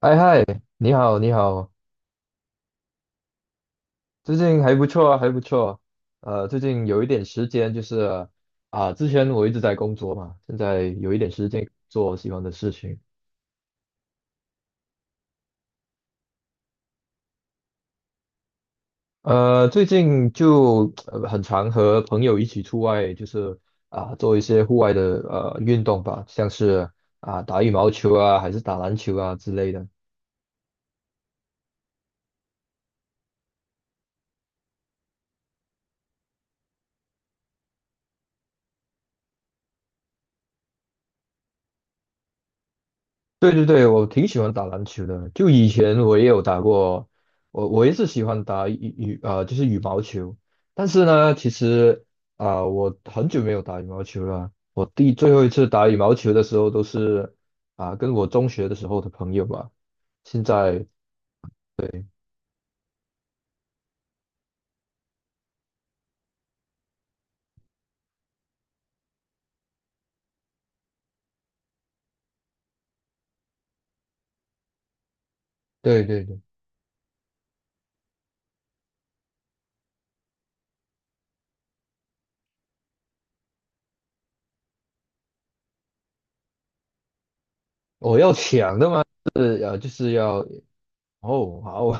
哎嗨，你好，你好。最近还不错啊，还不错。最近有一点时间，就是之前我一直在工作嘛，现在有一点时间做我喜欢的事情。最近就很常和朋友一起出外，就是做一些户外的运动吧，像是打羽毛球啊，还是打篮球啊之类的。对对对，我挺喜欢打篮球的。就以前我也有打过，我也是喜欢打羽羽呃，就是羽毛球。但是呢，其实我很久没有打羽毛球了。我最后一次打羽毛球的时候，都是跟我中学的时候的朋友吧。现在。对对对对，我要抢的嘛，是就是要。哦，好。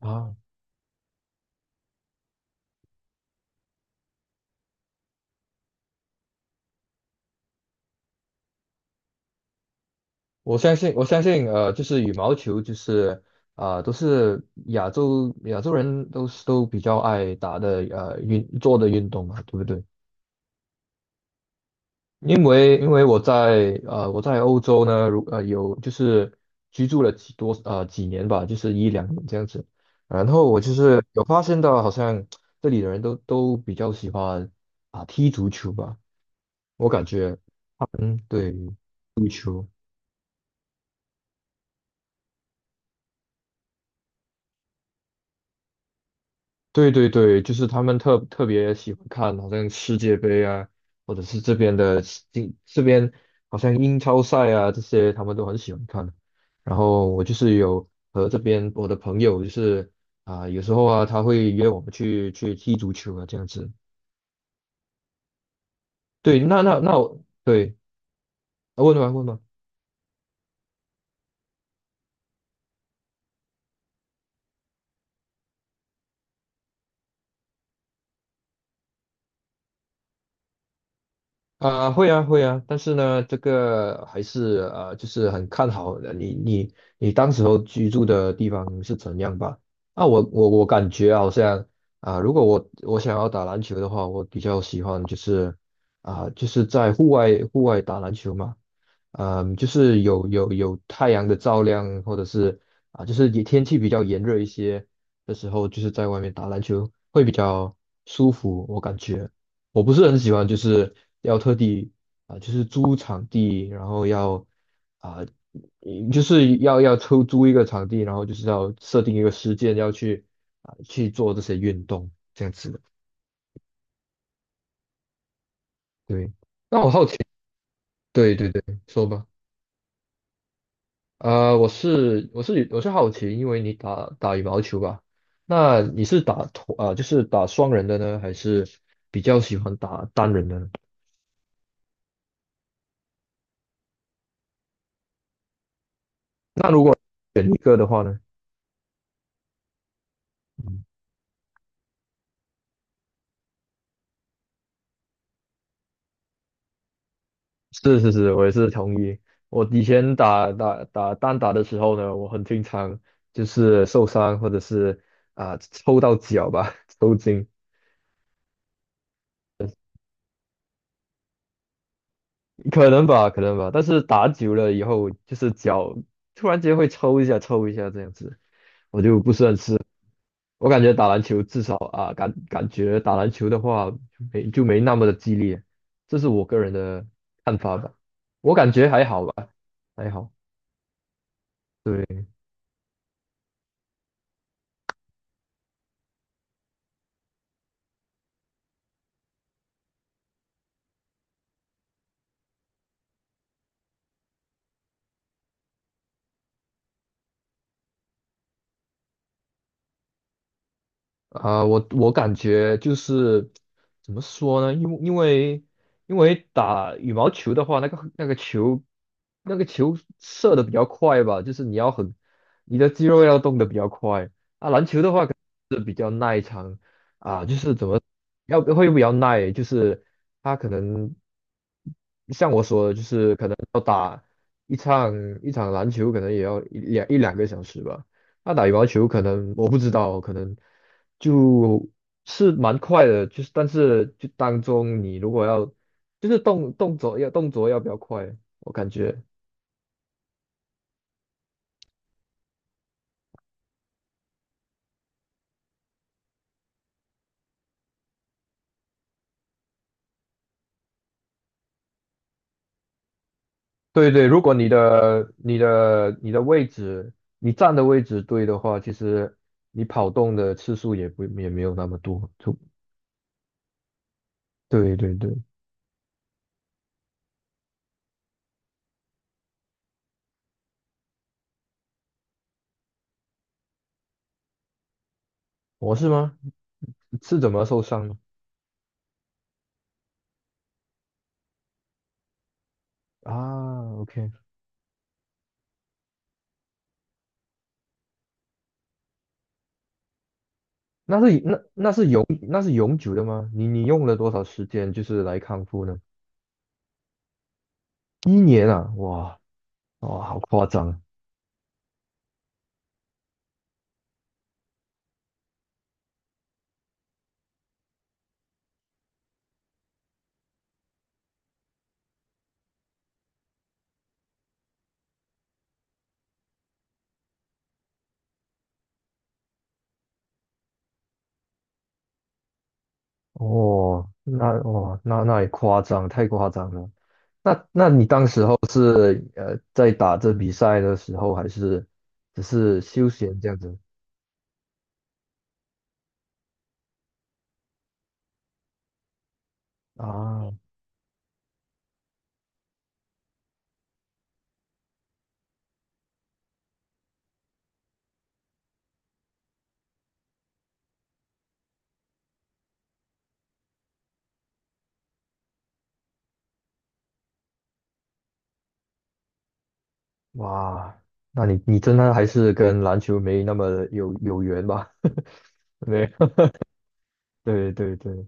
啊，我相信，我相信，就是羽毛球，就是都是亚洲人都是都比较爱打的，运做的运动嘛，对不对？因为因为我在欧洲呢，有就是居住了几年吧，就是一两年这样子，然后我就是有发现到，好像这里的人都比较喜欢踢足球吧，我感觉，嗯，对。对对对，就是他们特别喜欢看，好像世界杯啊，或者是这边的英这边好像英超赛啊这些，他们都很喜欢看。然后我就是有和这边我的朋友，就是有时候啊，他会约我们去踢足球啊，这样子。对，那我对，问吧问吧。会啊，会啊，但是呢，这个还是就是很看好的你当时候居住的地方是怎样吧？啊，我感觉好像如果我想要打篮球的话，我比较喜欢就是就是在户外打篮球嘛，嗯、就是有太阳的照亮，或者是就是也天气比较炎热一些的时候，就是在外面打篮球会比较舒服，我感觉。我不是很喜欢，就是要特地就是租场地，然后要啊、就是要抽租一个场地，然后就是要设定一个时间要去去做这些运动这样子的。对，那我好奇，对对对，说吧。我是好奇，因为你打羽毛球吧，那你是打团啊、就是打双人的呢，还是比较喜欢打单人的呢？那如果选一个的话呢？是是是，我也是同意。我以前打单打的时候呢，我很经常就是受伤或者是抽到脚吧，抽筋。可能吧，可能吧。但是打久了以后，就是脚突然间会抽一下，抽一下这样子，我就不是很吃。我感觉打篮球至少感觉打篮球的话没就没那么的激烈，这是我个人的看法吧。我感觉还好吧，还好。对。感觉就是怎么说呢？因为因为打羽毛球的话，那个那个球那个球射的比较快吧，就是你要很你的肌肉要动的比较快。篮球的话就是怎么要会比较耐，就是它可能像我说的，就是可能。一场一场篮球可能也要一两个小时吧。那打羽毛球可能我不知道，可能就是蛮快的，就是但是就当中你如果要就是动作要比较快，我感觉。对对，如果你的位置你站的位置对的话，其实你跑动的次数也没有那么多。就对对对。我是吗？是怎么受伤的？啊，OK。那是那是永久的吗？你用了多少时间就是来康复呢？一年啊，哇。哇，好夸张啊。哦！那哦那那也夸张，太夸张了。那那你当时候是在打这比赛的时候，还是只是休闲这样子？啊，哇，那你你真的还是跟篮球没那么有缘吧？没有，对对对。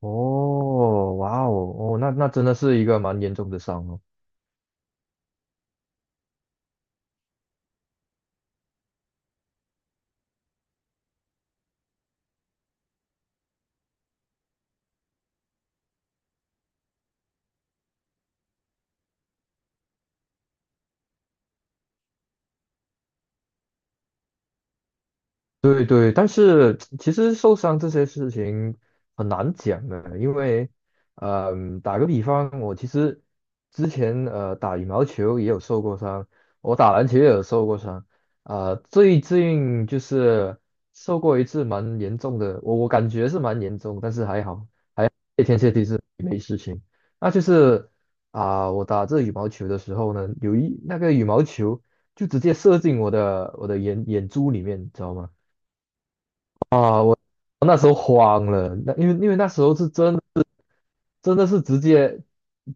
哦，哇哦，哦，那那真的是一个蛮严重的伤哦。对对，但是其实受伤这些事情很难讲的，因为，嗯、打个比方，我其实之前打羽毛球也有受过伤，我打篮球也有受过伤，最近就是受过一次蛮严重的，我感觉是蛮严重，但是还好，谢天谢地是没事情。那就是我打这羽毛球的时候呢，有一那个羽毛球就直接射进我的眼珠里面，你知道吗？啊，我那时候慌了，那因为那时候是真真的是直接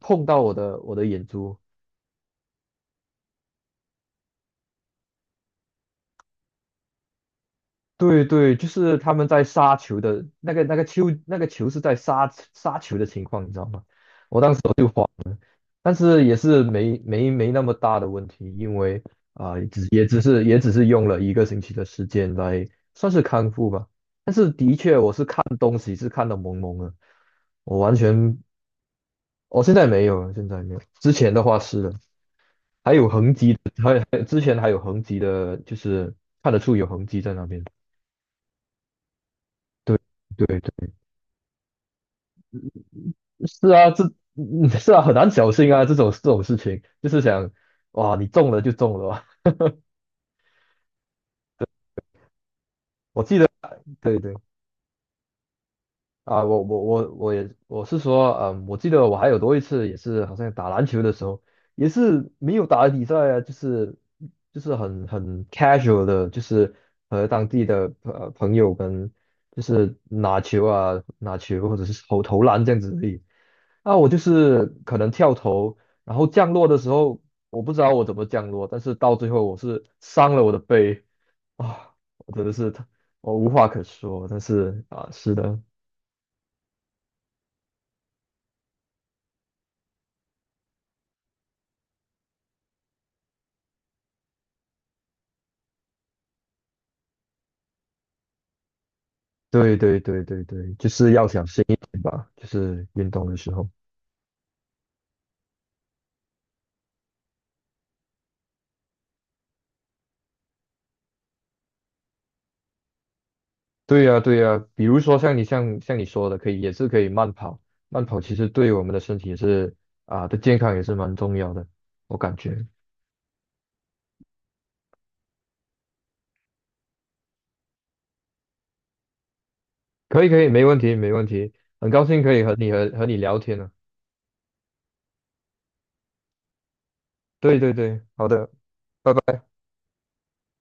碰到我的眼珠。对对，就是他们在杀球的那个那个球那个球是在杀球的情况，你知道吗？我当时。但是也是没那么大的问题，因为只也只是也只是用了一个星期的时间来算是康复吧。但是的确，我是看东西是看得蒙蒙的，我完全，现在没有了，现在没有，之前的话是的，还有痕迹的，之前还有痕迹的，就是看得出有痕迹在那边。对对对，是啊。这，嗯，是啊，很难侥幸啊，这种这种事情，就是想，哇，你中了就中了啊。我记得，对对。啊，我是说，嗯，我记得我还有多一次也是好像打篮球的时候，也是没有打比赛啊，就是很很 casual 的，就是和当地的朋友跟就是拿球或者是投篮这样子而已。那我就是可能跳投，然后降落的时候不知道我怎么降落，但是到最后我是伤了我的背啊，我真的是我无话可说，但是啊，是的。对对对对对，就是要小心一点吧，就是运动的时候。对呀对呀，比如说像像你说的，可以也是可以慢跑，慢跑其实对我们的身体也是健康也是蛮重要的，我感觉。可以可以，没问题没问题，很高兴可以和你和你聊天呢。对对对，好的，拜拜。